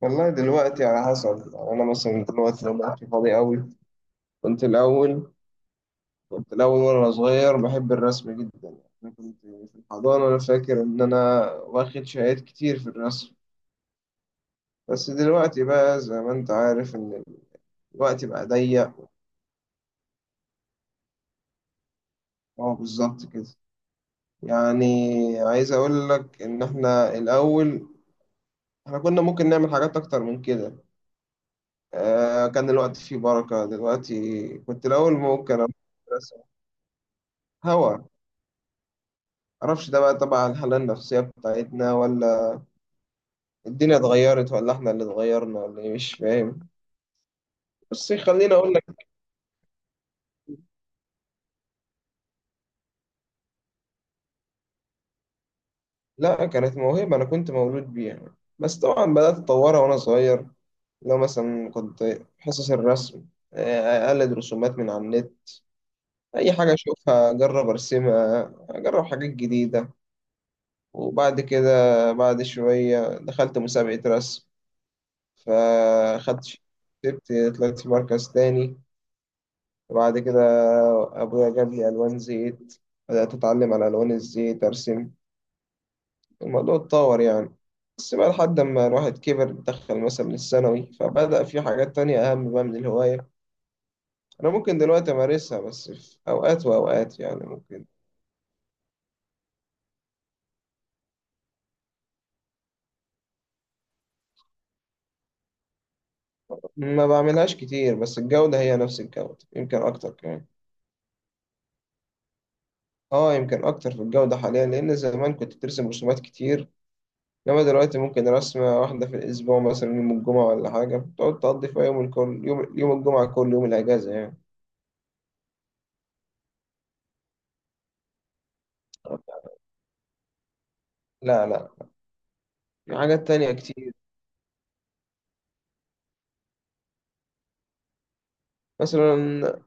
والله دلوقتي على حسب. يعني أنا مثلا دلوقتي لو وقتي فاضي أوي. كنت الأول كنت الأول وأنا صغير بحب الرسم جدا. يعني أنا كنت في الحضانة، أنا فاكر إن أنا واخد شهادات كتير في الرسم. بس دلوقتي بقى زي ما أنت عارف إن الوقت بقى ضيق. أه بالظبط كده. يعني عايز أقول لك إن إحنا الأول، إحنا كنا ممكن نعمل حاجات أكتر من كده. كان الوقت فيه بركة. دلوقتي كنت الأول ممكن أروح أرسم. هوا معرفش ده بقى. طبعا هل النفسية بتاعتنا، ولا الدنيا اتغيرت، ولا احنا اللي اتغيرنا، ولا ايه؟ مش فاهم. بس خليني اقول لك. لا، كانت موهبة، انا كنت مولود بيها، بس طبعا بدأت اتطورها وانا صغير. لو مثلا كنت في حصص الرسم اقلد رسومات من على النت. اي حاجة اشوفها اجرب ارسمها، اجرب حاجات جديدة. وبعد كده بعد شوية دخلت مسابقة رسم فاخدت، كسبت، طلعت في مركز تاني. بعد كده أبويا جاب لي ألوان زيت، بدأت أتعلم على ألوان الزيت أرسم. الموضوع اتطور يعني. بس بقى لحد ما الواحد كبر، دخل مثلا الثانوي، فبدأ في حاجات تانية أهم بقى من الهواية. أنا ممكن دلوقتي أمارسها بس في أوقات وأوقات يعني. ممكن ما بعملهاش كتير بس الجودة هي نفس الجودة، يمكن أكتر كمان. آه، يمكن أكتر في الجودة حاليا لأن زمان كنت بترسم رسومات كتير. إنما دلوقتي ممكن رسمة واحدة في الأسبوع، مثلا يوم الجمعة ولا حاجة تقعد تقضي فيها يوم. الكل يوم الجمعة، كل يوم الأجازة يعني. لا لا، في حاجات تانية كتير. مثلا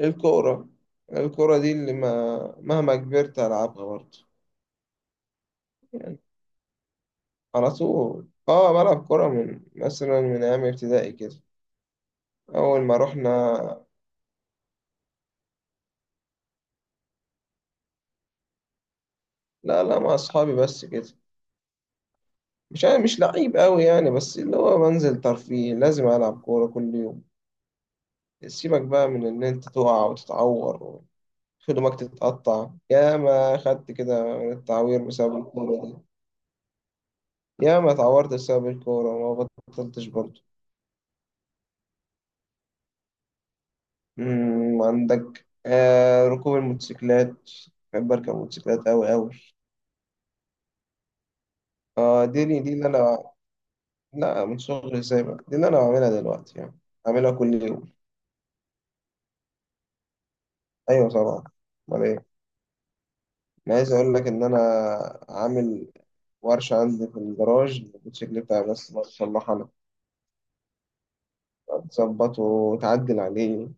الكورة. الكورة دي اللي ما مهما كبرت ألعبها برضه. يعني على طول. اه بلعب كورة من مثلا من أيام ابتدائي كده. أول ما رحنا. لا لا، مع أصحابي بس كده. مش أنا مش لعيب أوي يعني، بس اللي هو بنزل ترفيه لازم ألعب كورة كل يوم. سيبك بقى من ان انت تقع وتتعور وخدمك تتقطع. يا ما خدت كده من التعوير بسبب الكورة دي. يا ما اتعورت بسبب الكورة وما بطلتش برضه. عندك ركوب الموتوسيكلات. بحب اركب موتوسيكلات اوي اوي. اه دي دي دي اللي انا لا، من صغري سايبها، دي اللي انا بعملها دلوقتي يعني. بعملها كل يوم. ايوه طبعا، امال ايه. انا عايز اقول لك ان انا عامل ورشة عندي في الجراج، الموتوسيكل بتاعي بس بصلحها انا. تظبطه وتعدل عليه.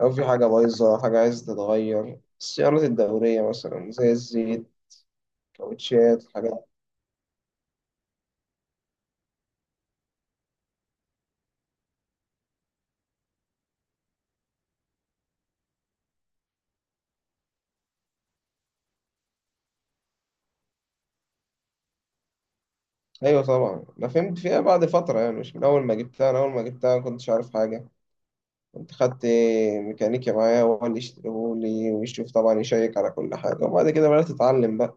لو في حاجة بايظة، حاجة عايزة تتغير، السيارات الدورية مثلا زي الزيت، كاوتشات، حاجات. أيوة طبعا، أنا فهمت فيها بعد فترة يعني، مش من أول ما جبتها. أنا أول ما جبتها ما كنتش عارف حاجة. كنت خدت ميكانيكي معايا، هو اللي يشتريهولي ويشوف، طبعا يشيك على كل حاجة، وبعد كده بدأت تتعلم بقى.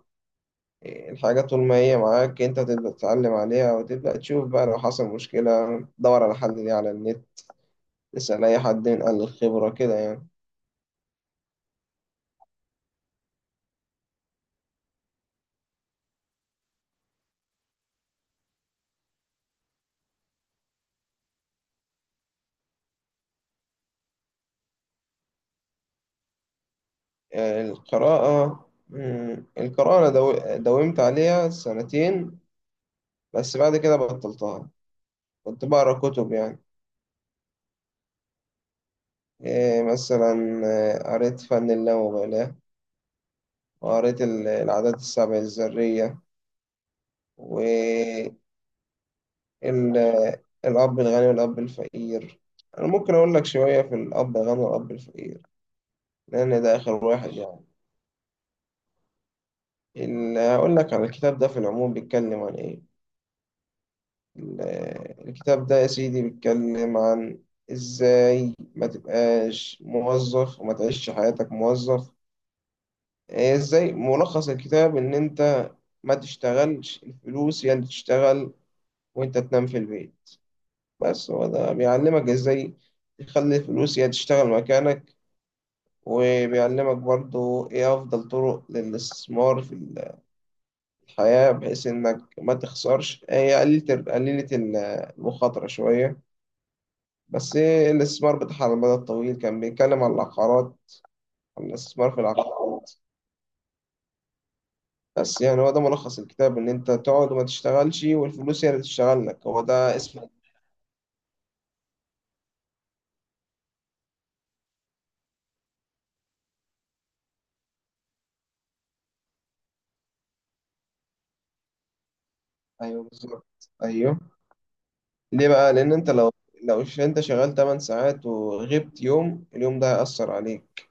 الحاجة طول ما هي معاك أنت تبدأ تتعلم عليها، وتبدأ تشوف بقى لو حصل مشكلة دور على حل ليه على النت، تسأل أي حد من أهل الخبرة كده يعني. القراءة. القراءة أنا داومت عليها سنتين بس بعد كده بطلتها. كنت بقرا كتب يعني. إيه؟ مثلا قريت فن اللامبالاة، وقريت العادات السبع الذرية، والأب الغني والأب الفقير. أنا ممكن أقول لك شوية في الأب الغني والأب الفقير، لأن ده آخر واحد يعني. هقول لك على الكتاب ده في العموم بيتكلم عن إيه. ال- الكتاب ده يا سيدي بيتكلم عن ازاي ما تبقاش موظف وما تعيش حياتك موظف. إيه؟ ازاي ملخص الكتاب ان انت ما تشتغلش، الفلوس هي اللي تشتغل وانت تنام في البيت. بس هو ده بيعلمك ازاي تخلي الفلوس هي تشتغل مكانك. وبيعلمك برضو ايه افضل طرق للاستثمار في الحياة بحيث انك ما تخسرش، هي قليلة قليلة المخاطرة شوية، بس إيه الاستثمار بتاعها على المدى الطويل. كان بيتكلم عن العقارات، عن الاستثمار في العقارات. بس يعني هو ده ملخص الكتاب، إن أنت تقعد وما تشتغلش والفلوس هي اللي تشتغل لك. هو ده اسم. أيوه بالظبط أيوه. ليه بقى؟ لأن أنت لو أنت شغال 8 ساعات وغبت يوم، اليوم ده هيأثر عليك.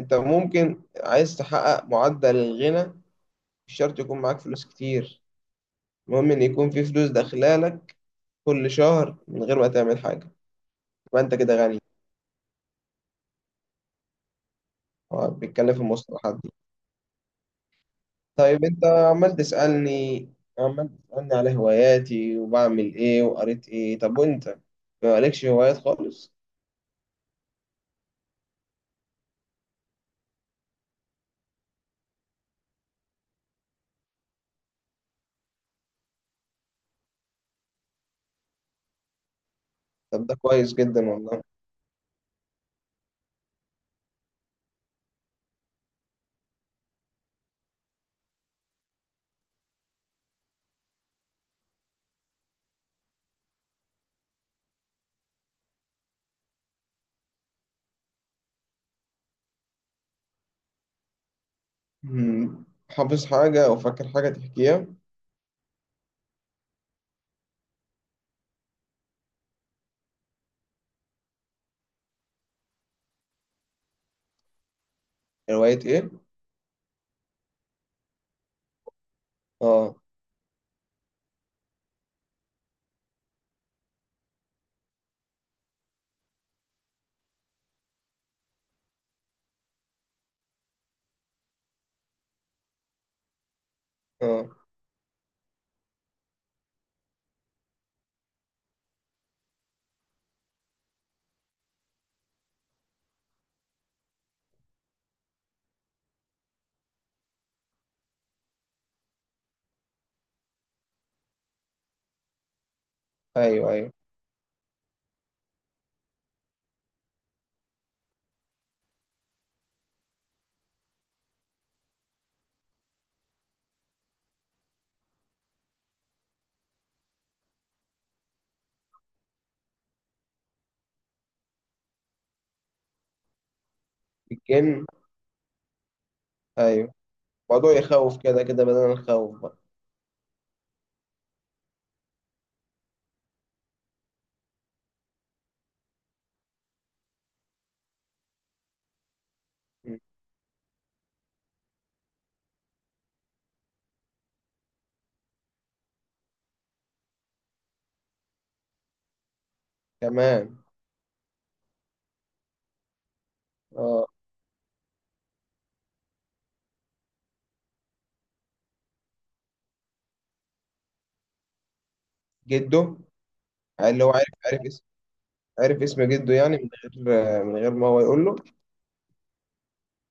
أنت ممكن عايز تحقق معدل الغنى، مش شرط يكون معاك فلوس كتير، المهم إن يكون في فلوس داخلة لك كل شهر من غير ما تعمل حاجة، يبقى أنت كده غني. هو بيتكلم في المصطلحات دي. طيب انت عمال تسألني على هواياتي وبعمل ايه وقريت ايه. طب وانت ما عليكش هوايات خالص؟ طب ده كويس جدا والله. مم. حافظ حاجة او فاكر حاجة تحكيها؟ هواية ايه؟ اه اه، ايوه ايوه. الجن. ايوه. موضوع يخوف كده كده بدل الخوف بقى. مم. تمام. اه، جده. اللي هو عارف اسم، عارف اسم جده، يعني من غير ما هو يقول له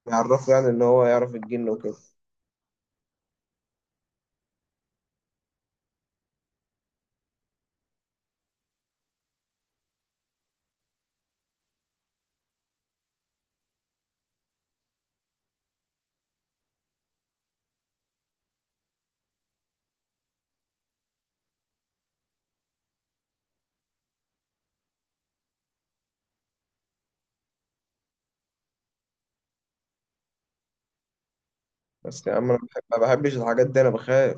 يعرفه. يعني ان هو يعرف الجن وكده. بس يا عم انا ما بحبش الحاجات دي، انا بخاف.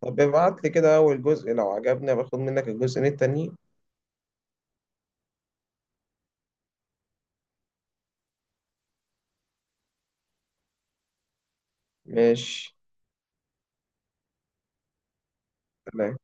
طب ابعت لي كده اول جزء لو عجبني باخد منك الجزئين التانيين. ماشي. سلام.